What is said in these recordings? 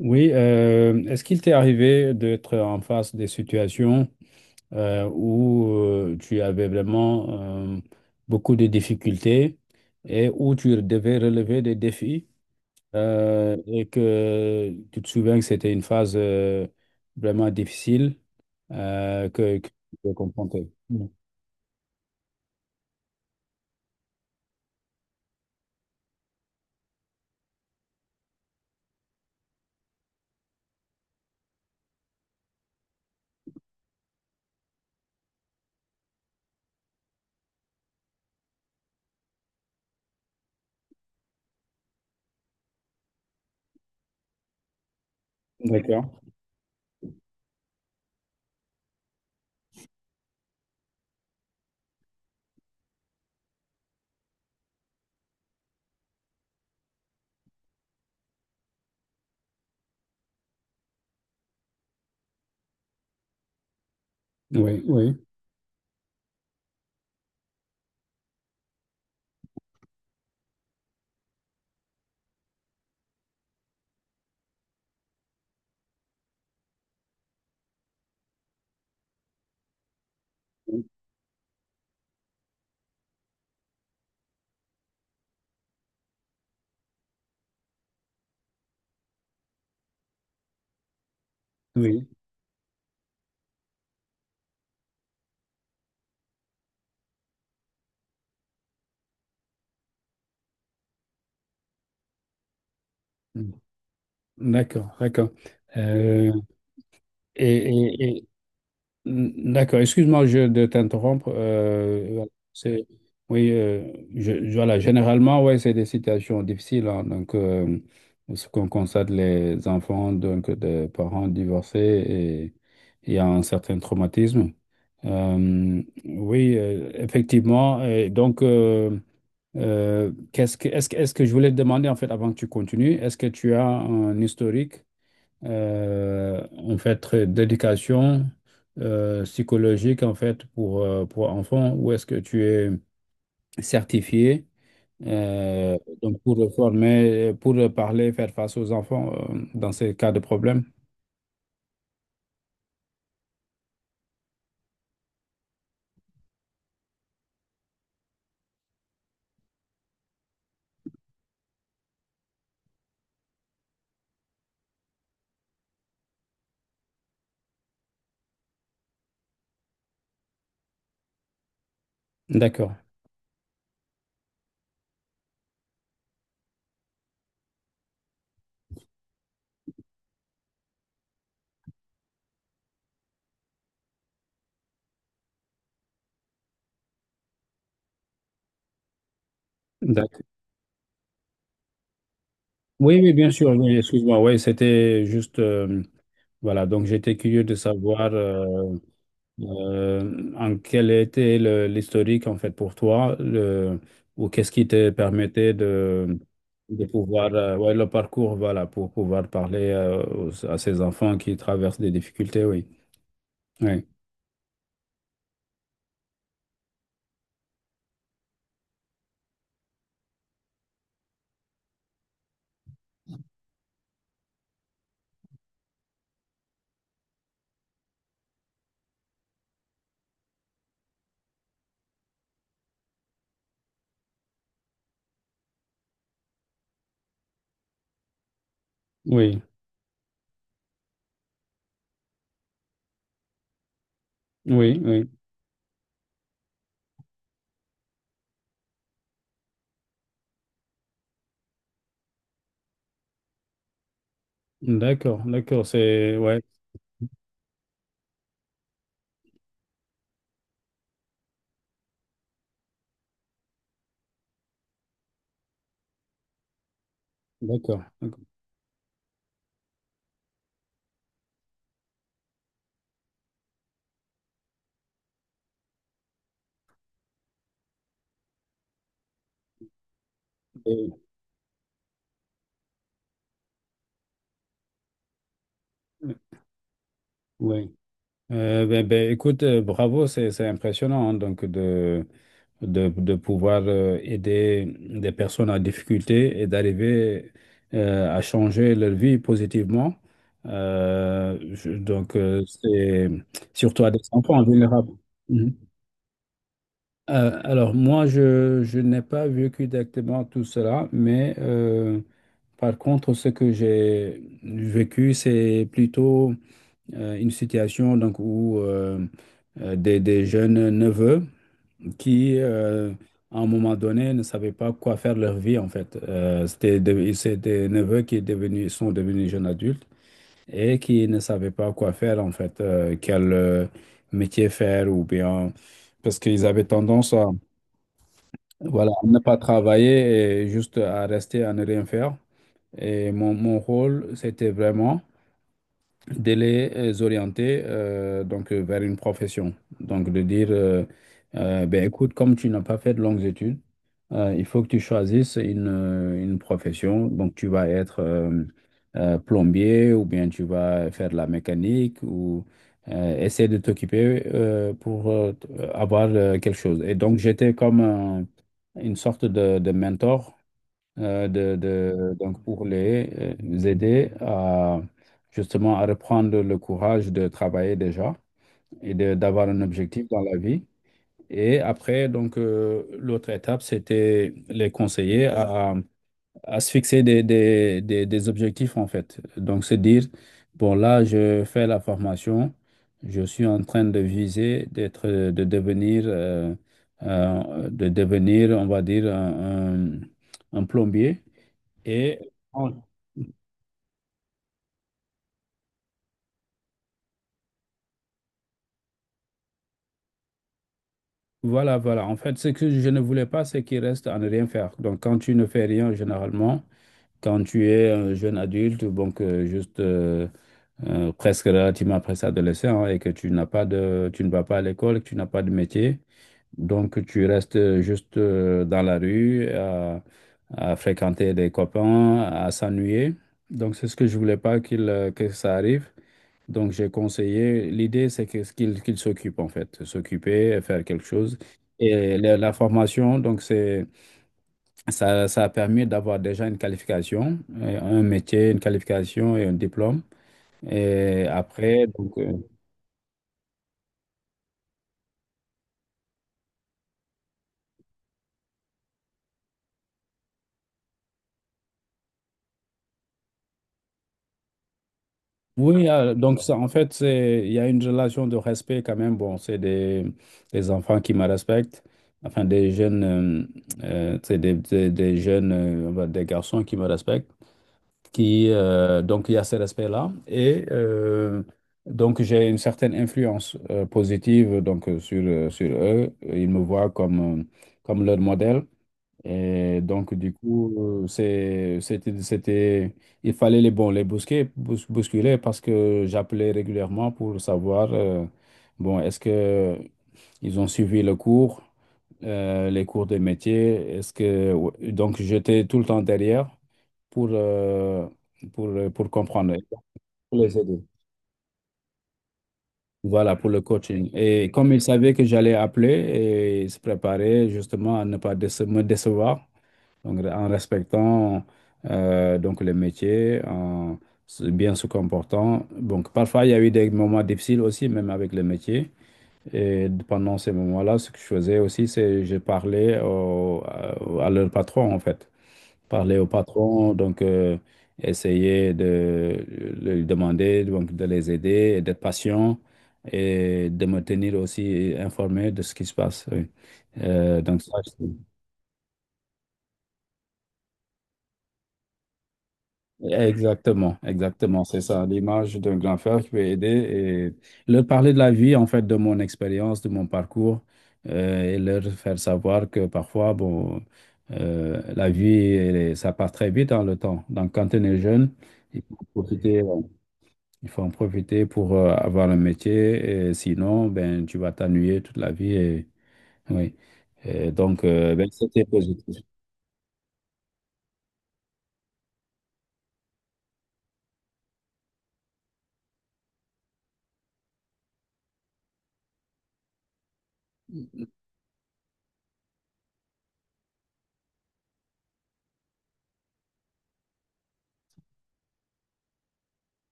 Oui, est-ce qu'il t'est arrivé d'être en face des situations où tu avais vraiment beaucoup de difficultés et où tu devais relever des défis et que tu te souviens que c'était une phase vraiment difficile que tu devais confronter? Mm. D'accord. Oui, oui, oui. Mm. D'accord, d'accord. Euh, et, et- Mm. D'accord, excuse-moi de t'interrompre. C'est, oui, voilà, généralement, ouais, c'est des situations difficiles, hein. Donc, ce qu'on constate, les enfants donc, de parents divorcés, et il y a un certain traumatisme. Oui, effectivement. Et donc, qu'est-ce que, est-ce, que- est-ce que je voulais te demander, en fait, avant que tu continues, est-ce que tu as un historique? En fait, d'éducation psychologique, en fait, pour enfants, où est-ce que tu es certifié, donc pour former, pour parler, faire face aux enfants dans ces cas de problème. D'accord. D'accord. Oui, oui, bien sûr, oui, excuse-moi, oui, c'était juste, voilà, donc j'étais curieux de savoir. En quel était l'historique, en fait, pour toi ou qu'est-ce qui te permettait de pouvoir ouais, le parcours, voilà, pour pouvoir parler à ces enfants qui traversent des difficultés. Oui, oui, oui, oui, oui. D'accord, d'accord, c'est, ouais. D'accord, d'accord. Et- oui. Écoute, bravo, c'est impressionnant, hein. Donc de pouvoir aider des personnes en difficulté et d'arriver à changer leur vie positivement. Donc, c'est surtout à des enfants vulnérables. Mhm. Alors, moi, je n'ai pas vécu directement tout cela, mais par contre, ce que j'ai vécu, c'est plutôt une situation donc, où des jeunes neveux qui, à un moment donné, ne savaient pas quoi faire leur vie, en fait. C'est des neveux qui sont devenus jeunes adultes et qui ne savaient pas quoi faire, en fait, quel métier faire, ou bien... Parce qu'ils avaient tendance voilà, à ne pas travailler et juste à rester, à ne rien faire. Et mon rôle, c'était vraiment de les orienter, vers une profession. Donc de dire, ben, écoute, comme tu n'as pas fait de longues études, il faut que tu choisisses une profession. Donc tu vas être plombier, ou bien tu vas faire de la mécanique, ou essayer de t'occuper, avoir quelque chose. Et donc j'étais comme une sorte de mentor, donc pour les aider à justement à reprendre le courage de travailler déjà et d'avoir un objectif dans la vie. Et après, donc, l'autre étape, c'était les conseiller à se fixer des objectifs, en fait. Donc, se dire, bon, là, je fais la formation, je suis en train de viser, de devenir, on va dire, un un plombier. Et en- voilà, voilà. En fait, ce que je ne voulais pas, c'est qu'il reste à ne rien faire. Donc, quand tu ne fais rien, généralement, quand tu es un jeune adulte, donc juste presque relativement presque adolescent, hein, et que tu n'as pas de, tu ne vas pas à l'école, que tu n'as pas de métier, donc tu restes juste dans la rue à fréquenter des copains, à s'ennuyer. Donc, c'est ce que je voulais pas que ça arrive. Donc, j'ai conseillé, l'idée, c'est que, qu'il s'occupe, en fait, s'occuper, faire quelque chose. Et la formation, donc, c'est, ça a permis d'avoir déjà une qualification, un métier, une qualification et un diplôme. Et après, donc, oui, donc, ça, en fait, c'est, il y a une relation de respect quand même. Bon, des enfants qui me respectent, enfin, des jeunes, c'est des jeunes, des garçons qui me respectent. Qui donc il y a ce respect-là, et donc j'ai une certaine influence positive sur eux. Ils me voient comme comme leur modèle, et donc, du coup, c'était, il fallait les, bon, les bousquer, bousculer, parce que j'appelais régulièrement pour savoir, bon, est-ce que ils ont suivi le cours, les cours de métier, donc, j'étais tout le temps derrière pour, pour comprendre, et pour les aider. Voilà, pour le coaching. Et comme ils savaient que j'allais appeler, et ils se préparaient justement à ne pas me décevoir, donc, en respectant donc le métier, en bien se comportant. Donc, parfois, il y a eu des moments difficiles aussi, même avec le métier. Et pendant ces moments-là, ce que je faisais aussi, c'est je à leur patron, en fait. Parler au patron, donc, essayer de lui demander donc, de les aider, et d'être patient, et de me tenir aussi informé de ce qui se passe. Oui. Euh, donc, ça, Exactement, exactement, c'est ça, l'image d'un grand frère qui peut aider et leur parler de la vie, en fait, de mon expérience, de mon parcours, et leur faire savoir que parfois, bon, la vie, ça part très vite dans le temps. Donc, quand on est jeune, il faut en profiter, il faut en profiter pour avoir un métier, et sinon, ben, tu vas t'ennuyer toute la vie. Et, oui. Et donc, ben, c'était positif.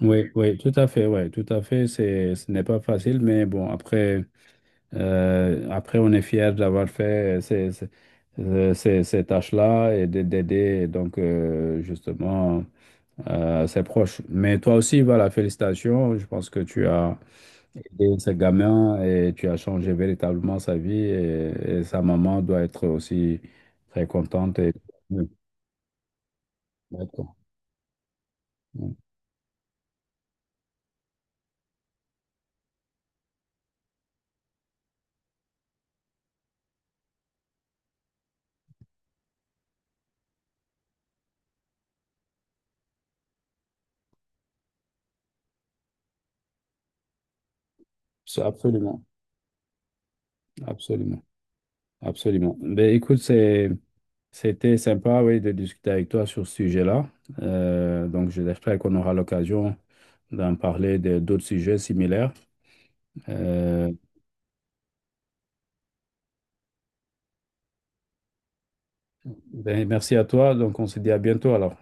Oui, oui, tout à fait, ouais, tout à fait. C'est, ce n'est pas facile, mais bon, après, après, on est fier d'avoir fait ces tâches-là et d'aider, donc, justement, ses proches. Mais toi aussi, voilà, félicitations. Je pense que tu as aidé ce gamin et tu as changé véritablement sa vie, et sa maman doit être aussi très contente. Et... Oui. D'accord. Oui. Absolument, absolument, absolument. Mais écoute, c'est. C'était sympa, oui, de discuter avec toi sur ce sujet-là. Donc, j'espère qu'on aura l'occasion d'en parler de d'autres sujets similaires. Euh, ben, merci à toi. Donc, on se dit à bientôt alors.